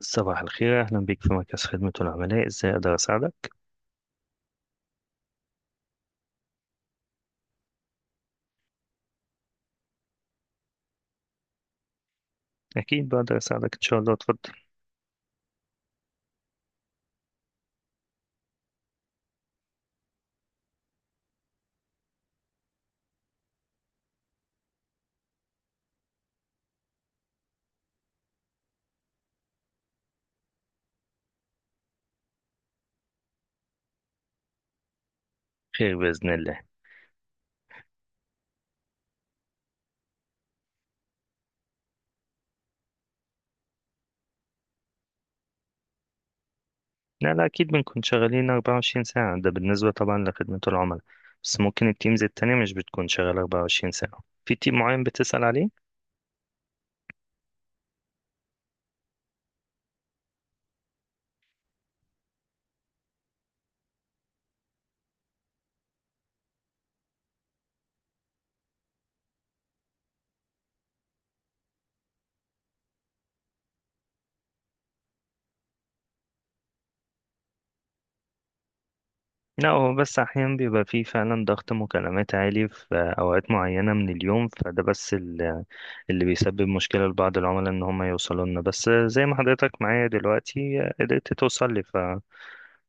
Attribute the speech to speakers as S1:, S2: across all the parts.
S1: صباح الخير، أهلا بك في مركز خدمة العملاء. إزاي أقدر أساعدك؟ أكيد بقدر أساعدك إن شاء الله، اتفضل. خير بإذن الله. لا لا، أكيد بنكون شغالين 24 ساعة، ده بالنسبة طبعا لخدمة العملاء، بس ممكن التيمز التانية مش بتكون شغالة 24 ساعة. في تيم معين بتسأل عليه؟ لا، هو بس أحيانا بيبقى فيه فعلا ضغط مكالمات عالي في أوقات معينة من اليوم، فده بس اللي بيسبب مشكلة لبعض العملاء إن هم يوصلوا لنا، بس زي ما حضرتك معايا دلوقتي قدرت توصل لي.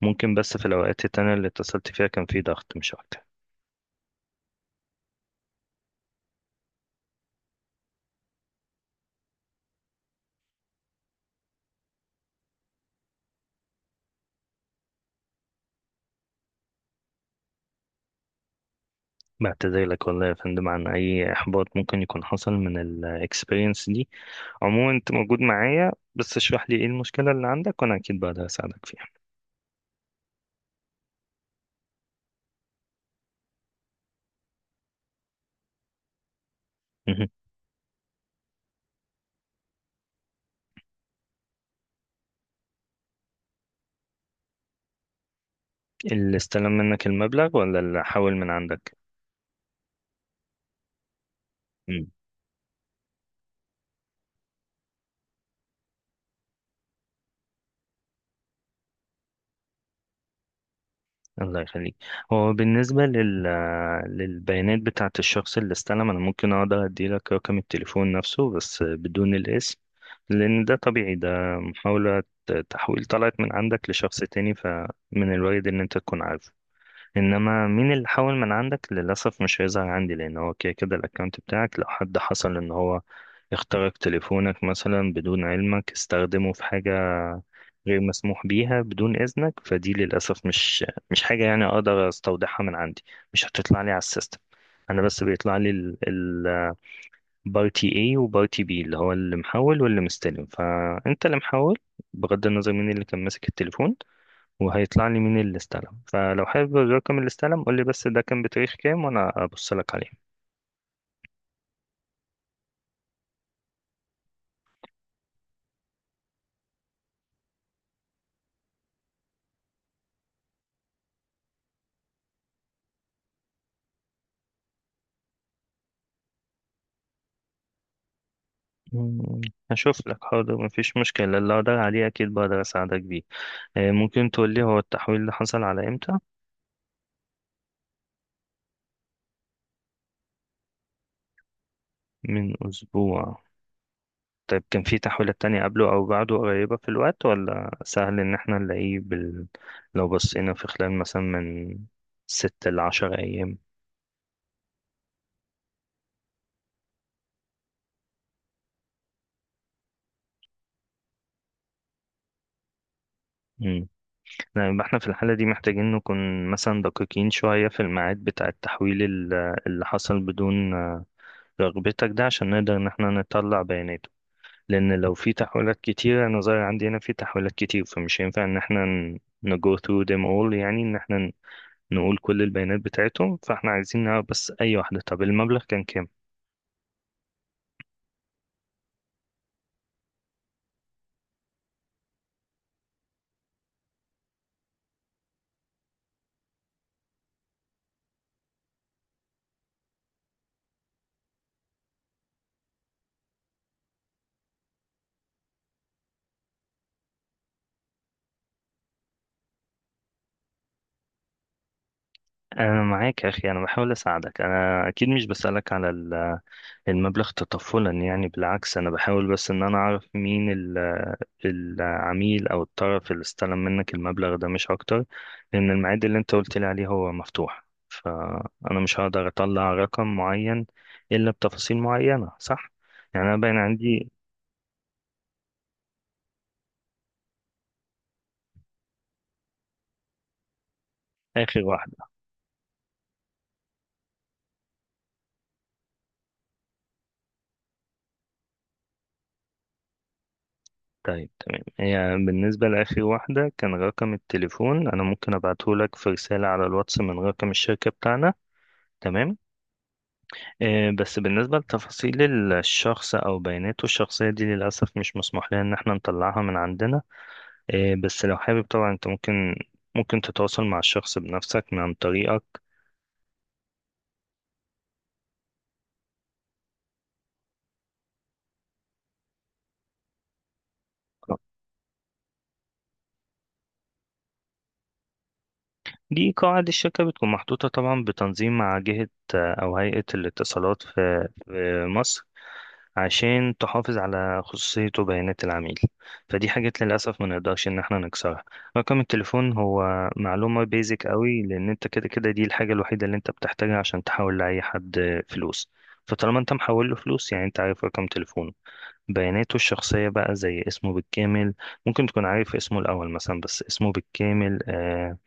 S1: ممكن بس في الأوقات التانية اللي اتصلت فيها كان في ضغط، مش أكتر. بعتذر لك والله يا فندم عن أي إحباط ممكن يكون حصل من الإكسبيرينس دي. عموما أنت موجود معايا، بس اشرح لي إيه المشكلة اللي عندك وأنا أكيد بقدر أساعدك فيها. مهم. اللي استلم منك المبلغ ولا اللي حاول من عندك؟ الله يخليك. هو بالنسبة للبيانات بتاعة الشخص اللي استلم، أنا ممكن أقدر أديلك رقم التليفون نفسه بس بدون الاسم، لأن ده طبيعي، ده محاولة تحويل طلعت من عندك لشخص تاني، فمن الوارد إن أنت تكون عارفه. إنما مين اللي حول من عندك، للأسف مش هيظهر عندي، لأن هو كده كده الأكونت بتاعك لو حد حصل إن هو اخترق تليفونك مثلا بدون علمك، استخدمه في حاجة غير مسموح بيها بدون إذنك، فدي للأسف مش حاجة يعني أقدر أستودعها من عندي، مش هتطلع لي على السيستم. أنا بس بيطلع لي البارتي A وبارتي B، اللي هو اللي محول واللي مستلم، فأنت اللي محول بغض النظر مين اللي كان ماسك التليفون، وهيطلع لي مين اللي استلم. فلو حابب الرقم اللي استلم قول لي بس ده كان بتاريخ كام وأنا أبص لك عليه. مم، هشوف لك، حاضر، مفيش مشكلة، اللي أقدر عليه أكيد بقدر أساعدك بيه. ممكن تقول لي هو التحويل اللي حصل على إمتى؟ من أسبوع. طيب كان في تحويلات تانية قبله أو بعده قريبة في الوقت، ولا سهل إن احنا نلاقيه لو بصينا في خلال مثلا من ست لعشر أيام؟ مم. لا، يبقى احنا في الحالة دي محتاجين نكون مثلا دقيقين شوية في الميعاد بتاع التحويل اللي حصل بدون رغبتك، ده عشان نقدر إن احنا نطلع بياناته، لأن لو في تحويلات كتير، أنا ظاهر عندي هنا في تحويلات كتير، فمش هينفع إن احنا ن go through them all، يعني إن احنا نقول كل البيانات بتاعتهم. فاحنا عايزين نعرف بس اي واحدة، طب المبلغ كان كام. انا معاك يا اخي، انا بحاول اساعدك، انا اكيد مش بسألك على المبلغ تطفلا يعني، بالعكس انا بحاول بس ان انا اعرف مين العميل او الطرف اللي استلم منك المبلغ ده، مش اكتر. لان الميعاد اللي انت قلت لي عليه هو مفتوح، فانا مش هقدر اطلع رقم معين الا بتفاصيل معينة، صح؟ يعني انا باين عندي اخر واحدة. طيب تمام، هي بالنسبة لآخر واحدة كان رقم التليفون، أنا ممكن أبعتهولك في رسالة على الواتس من رقم الشركة بتاعنا، تمام. آه بس بالنسبة لتفاصيل الشخص أو بياناته الشخصية دي، للأسف مش مسموح لنا إن احنا نطلعها من عندنا. آه بس لو حابب طبعا أنت ممكن تتواصل مع الشخص بنفسك من عن طريقك. دي قواعد الشركة، بتكون محطوطة طبعا بتنظيم مع جهة، أو هيئة الاتصالات في مصر، عشان تحافظ على خصوصية وبيانات العميل، فدي حاجات للأسف ما نقدرش إن احنا نكسرها. رقم التليفون هو معلومة بيزك قوي، لأن انت كده كده دي الحاجة الوحيدة اللي انت بتحتاجها عشان تحول لأي حد فلوس، فطالما انت محول له فلوس يعني انت عارف رقم تليفونه. بياناته الشخصية بقى زي اسمه بالكامل، ممكن تكون عارف اسمه الأول مثلا، بس اسمه بالكامل آه.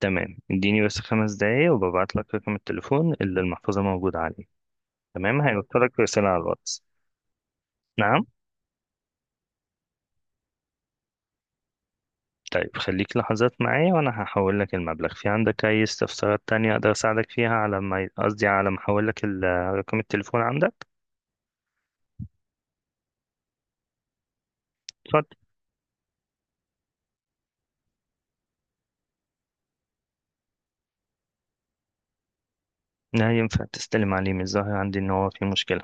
S1: تمام، اديني بس خمس دقايق وببعت لك رقم التليفون اللي المحفظة موجودة عليه، تمام، هيوصلك رسالة على الواتس. نعم؟ طيب خليك لحظات معايا وانا هحول لك المبلغ. في عندك اي استفسارات تانية اقدر اساعدك فيها على ما قصدي على ما احول لك رقم التليفون عندك؟ اتفضل. لا، ينفع تستلم عليه، من الظاهر عندي ان هو في مشكلة.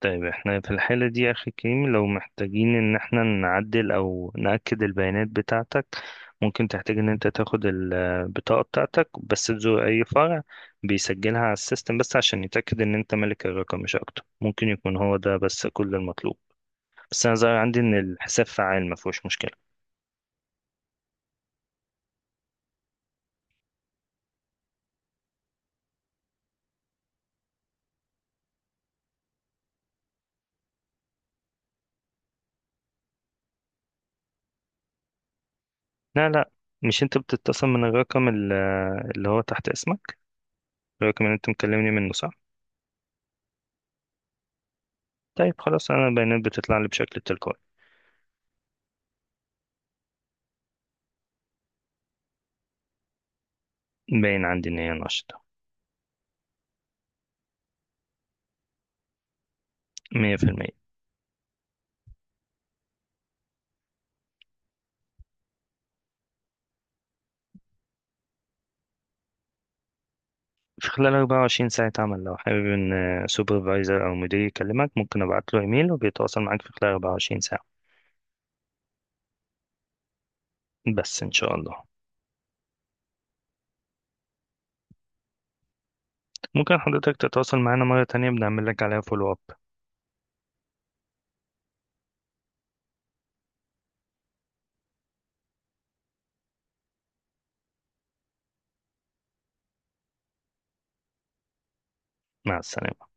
S1: طيب احنا في الحالة دي يا اخي كريم، لو محتاجين ان احنا نعدل او نأكد البيانات بتاعتك، ممكن تحتاج ان انت تاخد البطاقة بتاعتك بس تزور اي فرع، بيسجلها على السيستم بس عشان يتأكد ان انت مالك الرقم، مش اكتر، ممكن يكون هو ده بس كل المطلوب. بس انا ظاهر عندي ان الحساب فعال، ما فيهوش مشكله. لا، مش انت بتتصل من الرقم اللي هو تحت اسمك، الرقم اللي انت مكلمني منه، صح؟ طيب خلاص، انا البيانات بتطلع لي بشكل تلقائي. باين عندي ان هي نشطه، 100% في المية. في خلال 24 ساعة عمل. لو حابب إن سوبرفايزر أو مدير يكلمك، ممكن أبعت له إيميل وبيتواصل معاك في خلال 24 ساعة، بس إن شاء الله. ممكن حضرتك تتواصل معانا مرة تانية، بنعمل لك عليها فولو أب. مع السلامة.